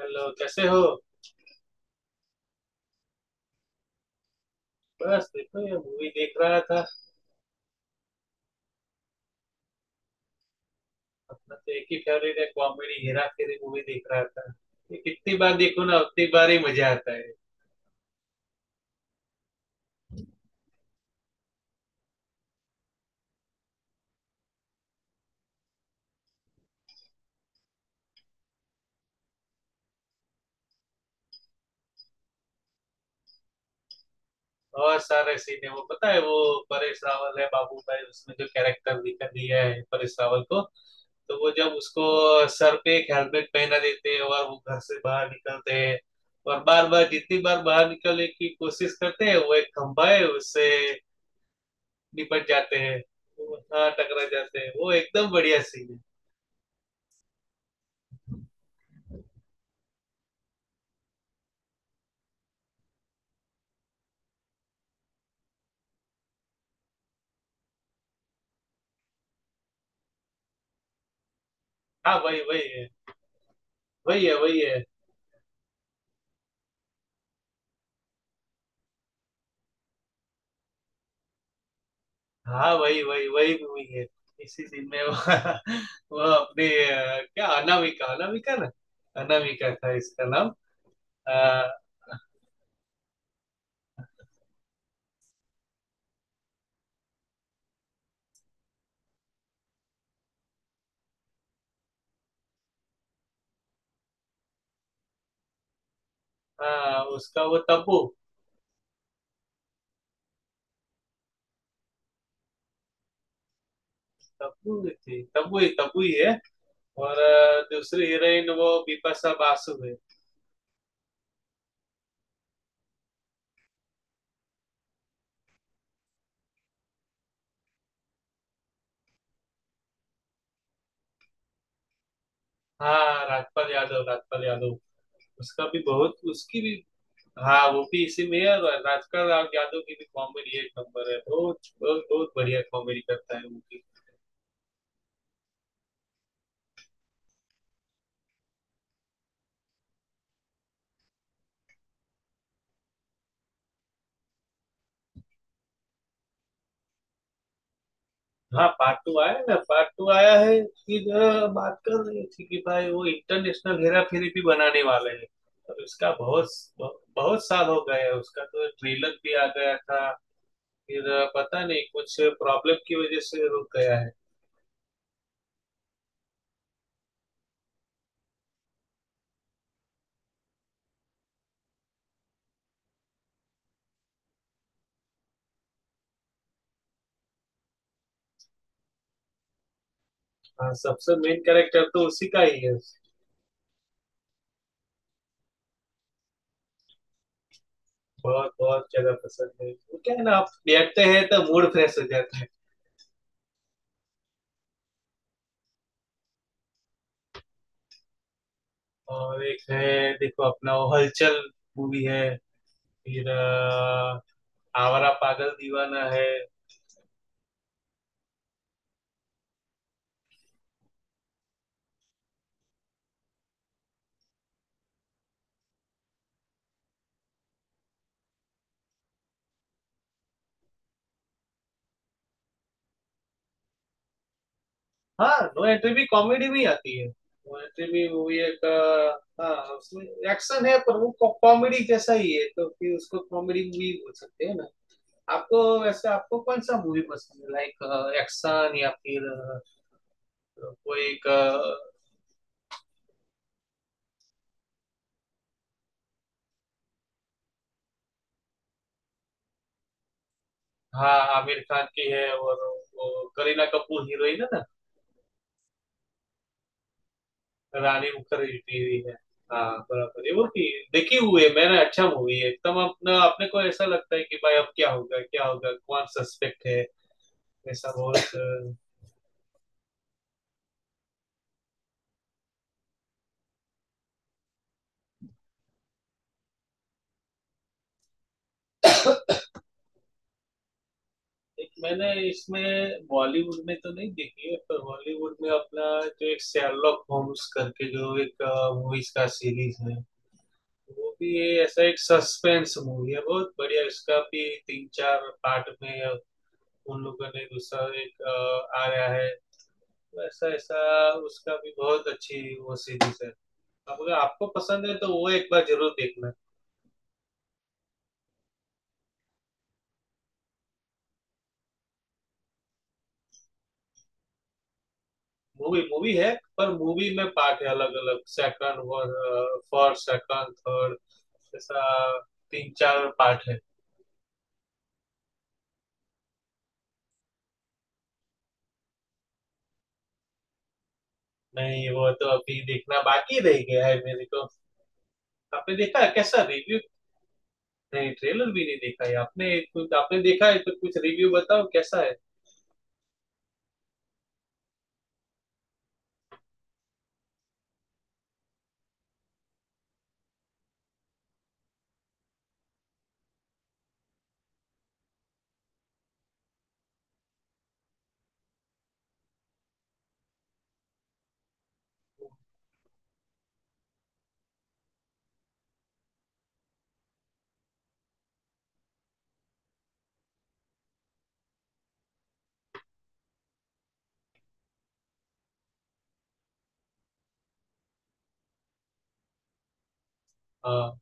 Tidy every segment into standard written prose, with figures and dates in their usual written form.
Hello, कैसे हो। बस देखो, ये मूवी देख रहा था। अपना तो एक ही फेवरेट है, कॉमेडी हेरा फेरी मूवी देख रहा था। ये कितनी बार देखो ना, उतनी बार ही मजा आता है। बहुत सारे सीन है। वो पता है, वो परेश रावल है, बाबू भाई। उसने जो कैरेक्टर दिया है परेश रावल को, तो वो जब उसको सर पे एक हेलमेट पहना देते हैं और वो घर से बाहर निकलते हैं, और बार बार जितनी बार बाहर निकलने की कोशिश करते हैं, वो एक खंभा है, उससे निपट जाते हैं। वो, हाँ, टकरा जाते हैं। वो एकदम बढ़िया सीन है। हाँ, वही वही है, वही है वही है। हाँ, वही वही वही मूवी है। इसी सीन में वो, वो अपने क्या, अनामिका अनामिका ना। अनामिका था इसका नाम। अ, हाँ, उसका वो तब्बू। तब्बू ही थी, तब्बू ही, तब्बू ही है। और दूसरी हीरोइन वो बिपाशा बासु है। हाँ, राजपाल यादव, राजपाल यादव। उसका भी बहुत, उसकी भी। हाँ, वो भी इसी में है, और राजपाल राव यादव की भी कॉमेडी एक नंबर है, बहुत। बहुत बहुत बढ़िया कॉमेडी करता है वो भी। हाँ, पार्ट टू आया है ना, पार्ट टू आया है। फिर बात कर रही थी कि भाई वो इंटरनेशनल हेरा फेरी भी बनाने वाले हैं। और उसका बहुत बहुत साल हो गए है, उसका तो ट्रेलर भी आ गया था। फिर पता नहीं, कुछ प्रॉब्लम की वजह से रुक गया है। हाँ, सबसे मेन कैरेक्टर तो उसी का ही है। बहुत बहुत जगह पसंद है। वो क्या है ना, आप देखते हैं तो मूड फ्रेश हो जाता है। और एक है देखो, अपना वो हलचल मूवी है। फिर आवारा पागल दीवाना है। हाँ, नो एंट्री भी कॉमेडी में ही आती है। नो एंट्री भी मूवी एक हाँ, उसमें एक्शन है, पर वो कॉमेडी जैसा ही है, तो फिर उसको कॉमेडी मूवी बोल सकते हैं ना। आपको, वैसे आपको कौन सा मूवी पसंद है, लाइक एक्शन या फिर कोई एक हाँ। आमिर खान की है, और वो करीना कपूर हीरोइन है ना। रानी मुखर्जी टीवी है। हाँ बराबर, ये मूवी देखी हुई है मैंने। अच्छा मूवी है एकदम। अपना अपने को ऐसा लगता है कि भाई अब क्या होगा क्या होगा, कौन सस्पेक्ट है। ऐसा बहुत एक मैंने इसमें बॉलीवुड में तो नहीं देखी है, पर बॉलीवुड में अपना जो एक शेरलॉक होम्स करके जो एक मूवीज का सीरीज है, वो भी ये ऐसा एक सस्पेंस मूवी है, बहुत बढ़िया। इसका भी तीन चार पार्ट में उन लोगों ने दूसरा एक आया है, वैसा ऐसा। उसका भी बहुत अच्छी वो सीरीज है। अब अगर आपको पसंद है तो वो एक बार जरूर देखना। मूवी मूवी है, पर मूवी में पार्ट है अलग अलग। सेकंड, फर्स्ट सेकंड थर्ड, ऐसा। तीन चार पार्ट है। नहीं, वो तो अभी देखना बाकी रह गया है मेरे को। आपने देखा है, कैसा रिव्यू। नहीं, ट्रेलर भी नहीं देखा है। आपने कुछ, आपने देखा है तो कुछ रिव्यू बताओ कैसा है। हाँ,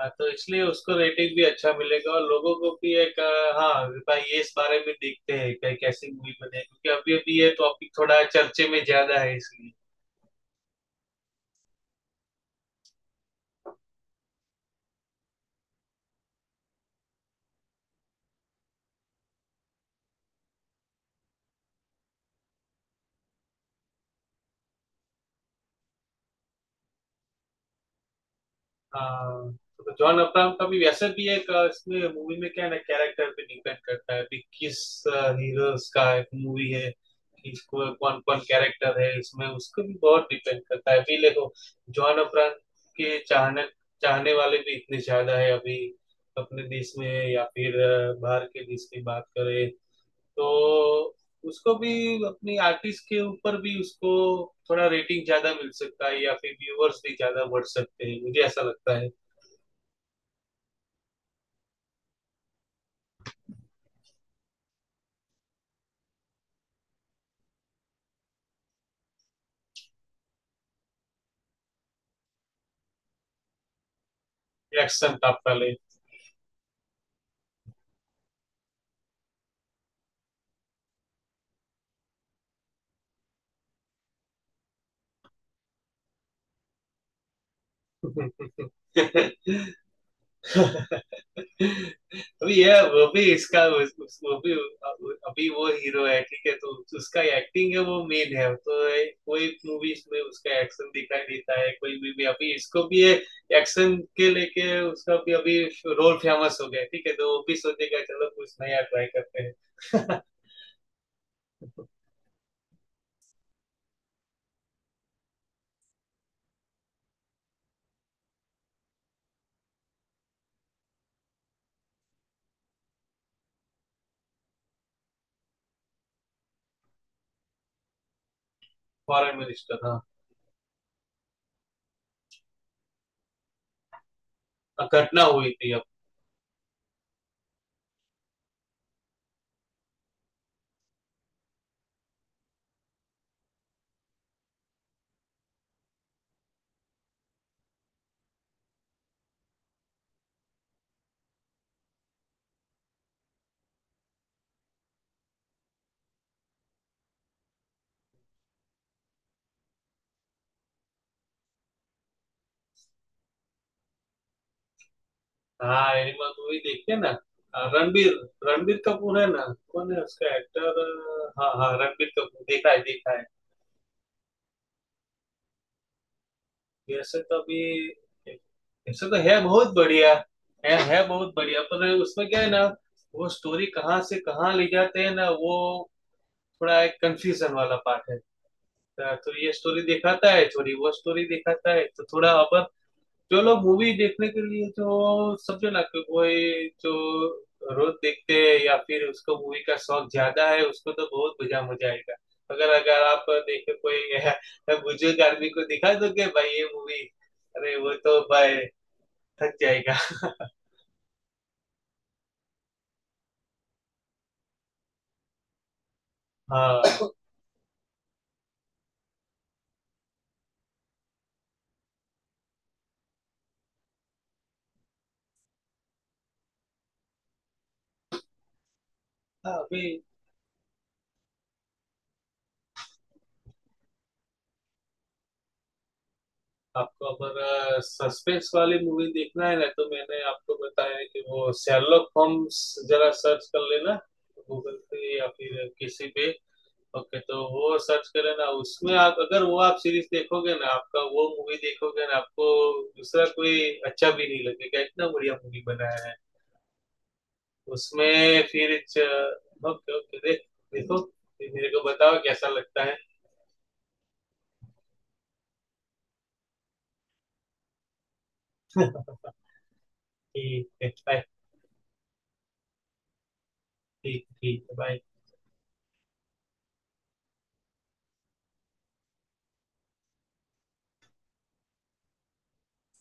हाँ, तो इसलिए उसको रेटिंग भी अच्छा मिलेगा, और लोगों को भी एक हाँ भाई, ये इस बारे में देखते हैं कि कैसी मूवी बने, क्योंकि अभी अभी ये टॉपिक थोड़ा चर्चे में ज्यादा है इसलिए। हाँ, तो जॉन अब्राहम का भी वैसे भी एक इसमें मूवी में क्या है ना, कैरेक्टर पे डिपेंड करता है कि किस हीरोज का एक मूवी है, किसको कौन कौन कैरेक्टर है इसमें, उसको भी बहुत डिपेंड करता है। अभी देखो, जॉन अब्राहम के चाहने चाहने वाले भी इतने ज्यादा है अभी, अपने देश में या फिर बाहर के देश की बात करें, तो उसको भी अपनी आर्टिस्ट के ऊपर भी उसको थोड़ा रेटिंग ज्यादा मिल सकता है, या फिर व्यूअर्स भी ज्यादा बढ़ सकते हैं, मुझे ऐसा लगता है। एक्शन था पहले। अभी ये वो भी इसका वो भी अभी। वो हीरो है, ठीक है, तो उसका एक्टिंग है वो मेन है, तो कोई मूवीज में उसका एक्शन दिखाई देता है, कोई भी अभी इसको भी ये एक्शन के लेके उसका भी अभी रोल फेमस हो गया है, ठीक है, तो वो भी सोचेगा चलो कुछ नया ट्राई करते हैं। फॉरेन मिनिस्टर, हाँ। घटना हुई थी। हाँ, एनिमल मूवी देखते हैं ना। अ, रणबीर रणबीर कपूर है ना। कौन है उसका एक्टर। हाँ हाँ, रणबीर कपूर, देखा है देखा है। वैसे तो अभी, वैसे तो है बहुत बढ़िया। है बहुत बढ़िया, पर उसमें क्या है ना, वो स्टोरी कहाँ से कहाँ ले जाते हैं ना, वो थोड़ा एक कंफ्यूजन वाला पार्ट है। तो ये स्टोरी दिखाता है थोड़ी, वो स्टोरी दिखाता है तो थोड़ा। अब चलो, मूवी देखने के लिए जो, समझो ना कि कोई जो रोज देखते हैं, या फिर उसको मूवी का शौक ज्यादा है, उसको तो बहुत मजा मजा आएगा। अगर अगर आप देखे कोई बुजुर्ग आदमी को दिखा दोगे भाई ये मूवी, अरे वो तो भाई थक जाएगा। हाँ अभी, आपको अगर सस्पेंस वाली मूवी देखना है ना, तो मैंने आपको बताया है कि वो शेरलॉक होम्स, जरा सर्च कर लेना गूगल पे या फिर किसी पे। ओके, तो वो सर्च करें ना, उसमें आप अगर वो आप सीरीज देखोगे ना, आपका वो मूवी देखोगे ना, आपको दूसरा कोई अच्छा भी नहीं लगेगा, इतना बढ़िया मूवी बनाया है उसमें फिर। ओके, ओके, देखो फिर मेरे को बताओ कैसा लगता है। ठीक है, बाय। ठीक, ठीक, बाय।